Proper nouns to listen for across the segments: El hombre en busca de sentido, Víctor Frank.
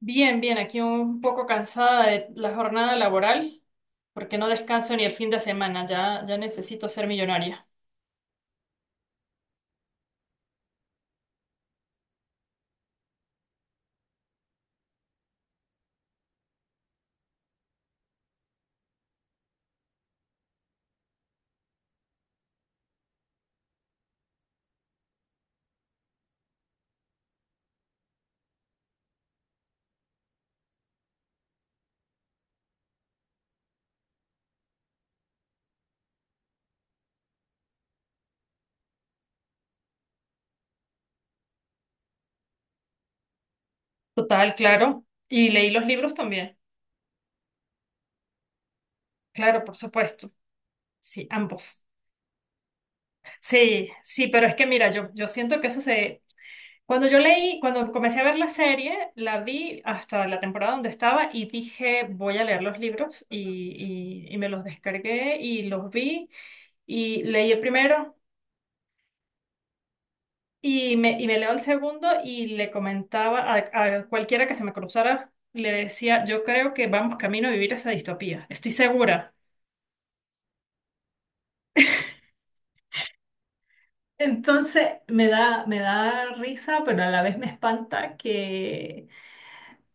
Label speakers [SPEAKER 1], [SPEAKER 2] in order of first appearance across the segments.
[SPEAKER 1] Bien, bien, aquí un poco cansada de la jornada laboral, porque no descanso ni el fin de semana, ya, ya necesito ser millonaria. Total, claro. Y leí los libros también. Claro, por supuesto. Sí, ambos. Sí, sí, pero es que mira, yo siento que eso se... Cuando yo leí, cuando comencé a ver la serie, la vi hasta la temporada donde estaba y dije, voy a leer los libros y me los descargué y los vi y leí el primero. Y me leo el segundo y le comentaba a cualquiera que se me cruzara, le decía, yo creo que vamos camino a vivir esa distopía, estoy segura. Entonces me da risa, pero a la vez me espanta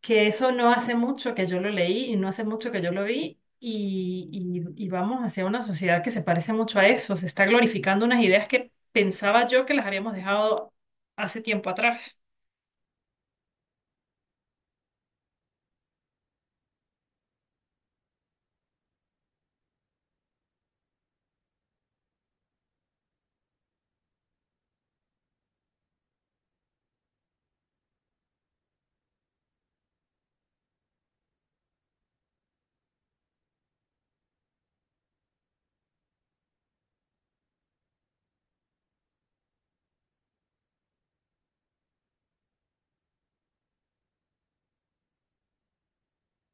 [SPEAKER 1] que eso no hace mucho que yo lo leí y no hace mucho que yo lo vi y vamos hacia una sociedad que se parece mucho a eso, se está glorificando unas ideas que pensaba yo que las habíamos dejado hace tiempo atrás.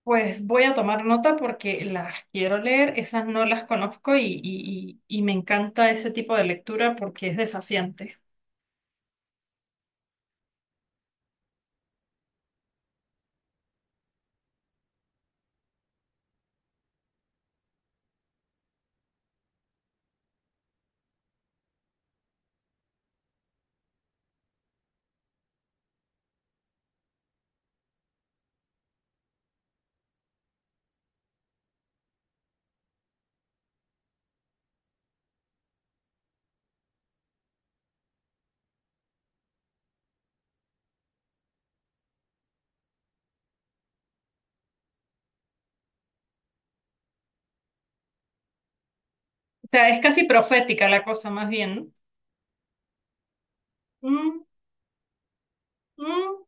[SPEAKER 1] Pues voy a tomar nota porque las quiero leer, esas no las conozco y me encanta ese tipo de lectura porque es desafiante. O sea, es casi profética la cosa más bien. ¿No? Mm.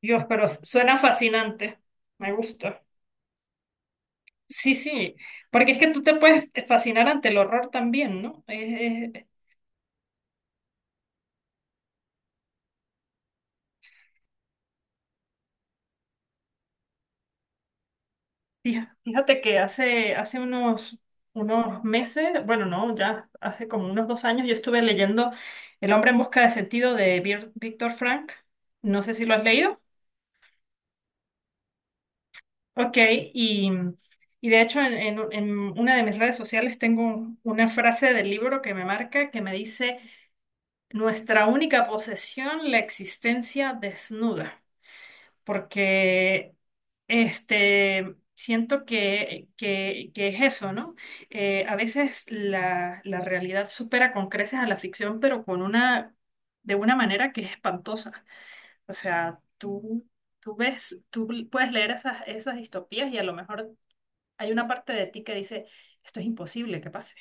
[SPEAKER 1] Dios, pero suena fascinante, me gusta. Sí, sí, porque es que tú te puedes fascinar ante el horror también, ¿no? Fíjate que hace, hace unos meses, bueno, no, ya hace como unos 2 años, yo estuve leyendo El hombre en busca de sentido de Víctor Frank. No sé si lo has leído. Ok, y, y de hecho en una de mis redes sociales tengo una frase del libro que me marca que me dice, nuestra única posesión, la existencia desnuda. Porque siento que es eso, ¿no? A veces la realidad supera con creces a la ficción, pero con una, de una manera que es espantosa. O sea, tú ves, tú puedes leer esas distopías y a lo mejor hay una parte de ti que dice, esto es imposible que pase.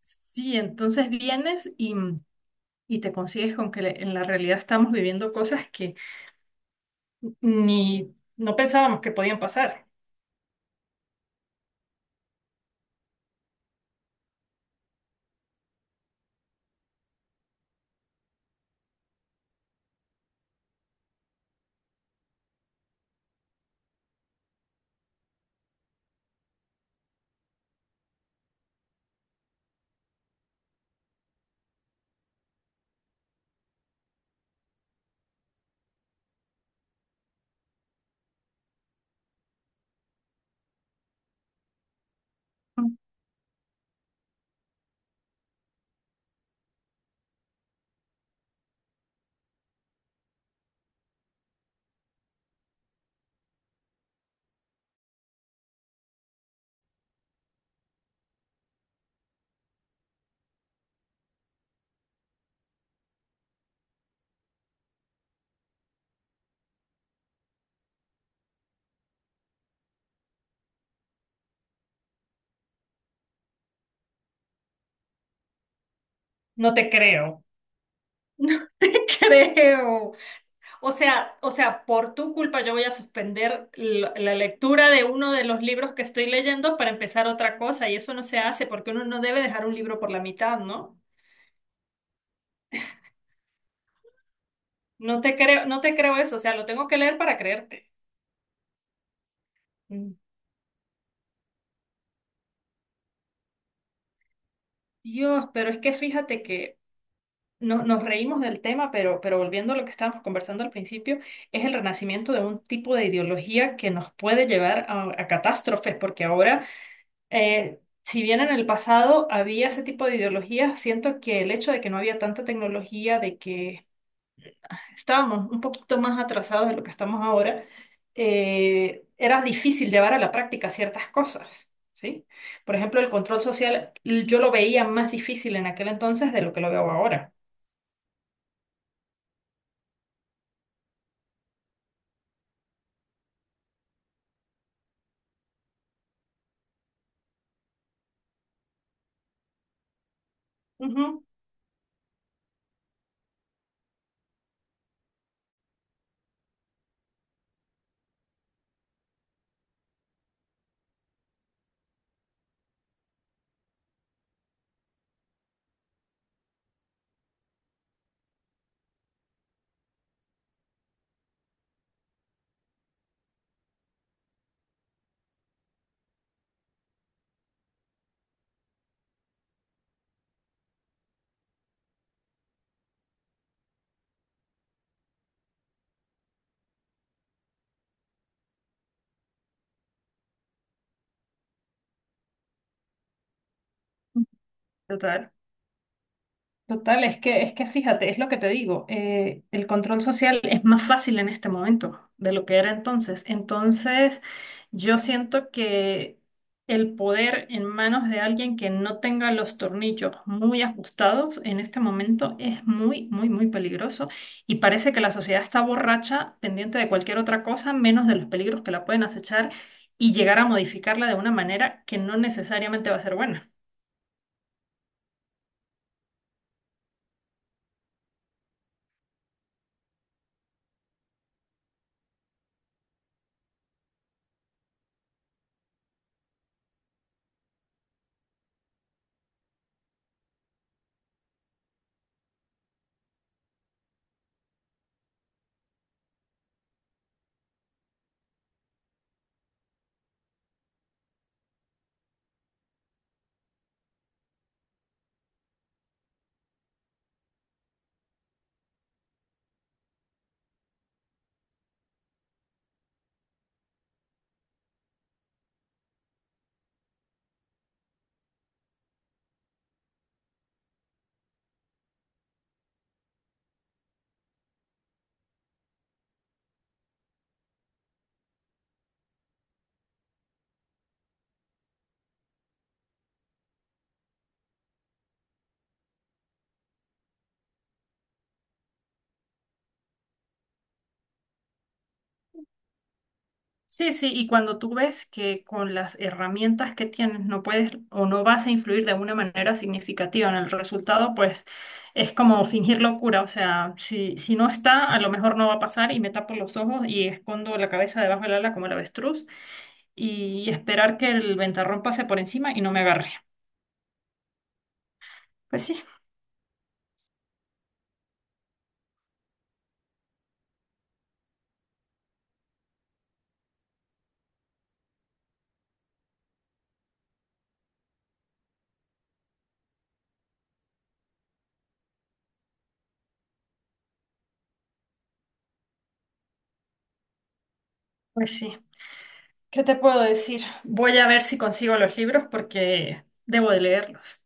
[SPEAKER 1] Sí, entonces vienes y te consigues con que en la realidad estamos viviendo cosas que ni no pensábamos que podían pasar. No te creo. No te creo. O sea, por tu culpa yo voy a suspender la lectura de uno de los libros que estoy leyendo para empezar otra cosa y eso no se hace porque uno no debe dejar un libro por la mitad, ¿no? No te creo, no te creo eso, o sea, lo tengo que leer para creerte. Mm. Dios, pero es que fíjate que nos reímos del tema, pero volviendo a lo que estábamos conversando al principio, es el renacimiento de un tipo de ideología que nos puede llevar a catástrofes, porque ahora si bien en el pasado había ese tipo de ideologías, siento que el hecho de que no había tanta tecnología, de que estábamos un poquito más atrasados de lo que estamos ahora, era difícil llevar a la práctica ciertas cosas, ¿sí? Por ejemplo, el control social yo lo veía más difícil en aquel entonces de lo que lo veo ahora. Ujú. Total. Total, es que fíjate, es lo que te digo, el control social es más fácil en este momento de lo que era entonces. Entonces, yo siento que el poder en manos de alguien que no tenga los tornillos muy ajustados en este momento es muy, muy, muy peligroso y parece que la sociedad está borracha, pendiente de cualquier otra cosa, menos de los peligros que la pueden acechar y llegar a modificarla de una manera que no necesariamente va a ser buena. Sí, sí, y cuando tú ves que con las herramientas que tienes no puedes o no vas a influir de una manera significativa en el resultado, pues es como fingir locura, o sea, si, si no está, a lo mejor no va a pasar y me tapo los ojos y escondo la cabeza debajo del ala como el avestruz y esperar que el ventarrón pase por encima y no me agarre. Pues sí, pues sí. ¿Qué te puedo decir? Voy a ver si consigo los libros porque debo de leerlos.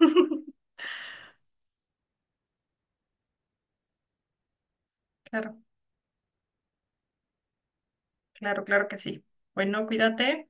[SPEAKER 1] Claro, claro, claro que sí. Bueno, cuídate.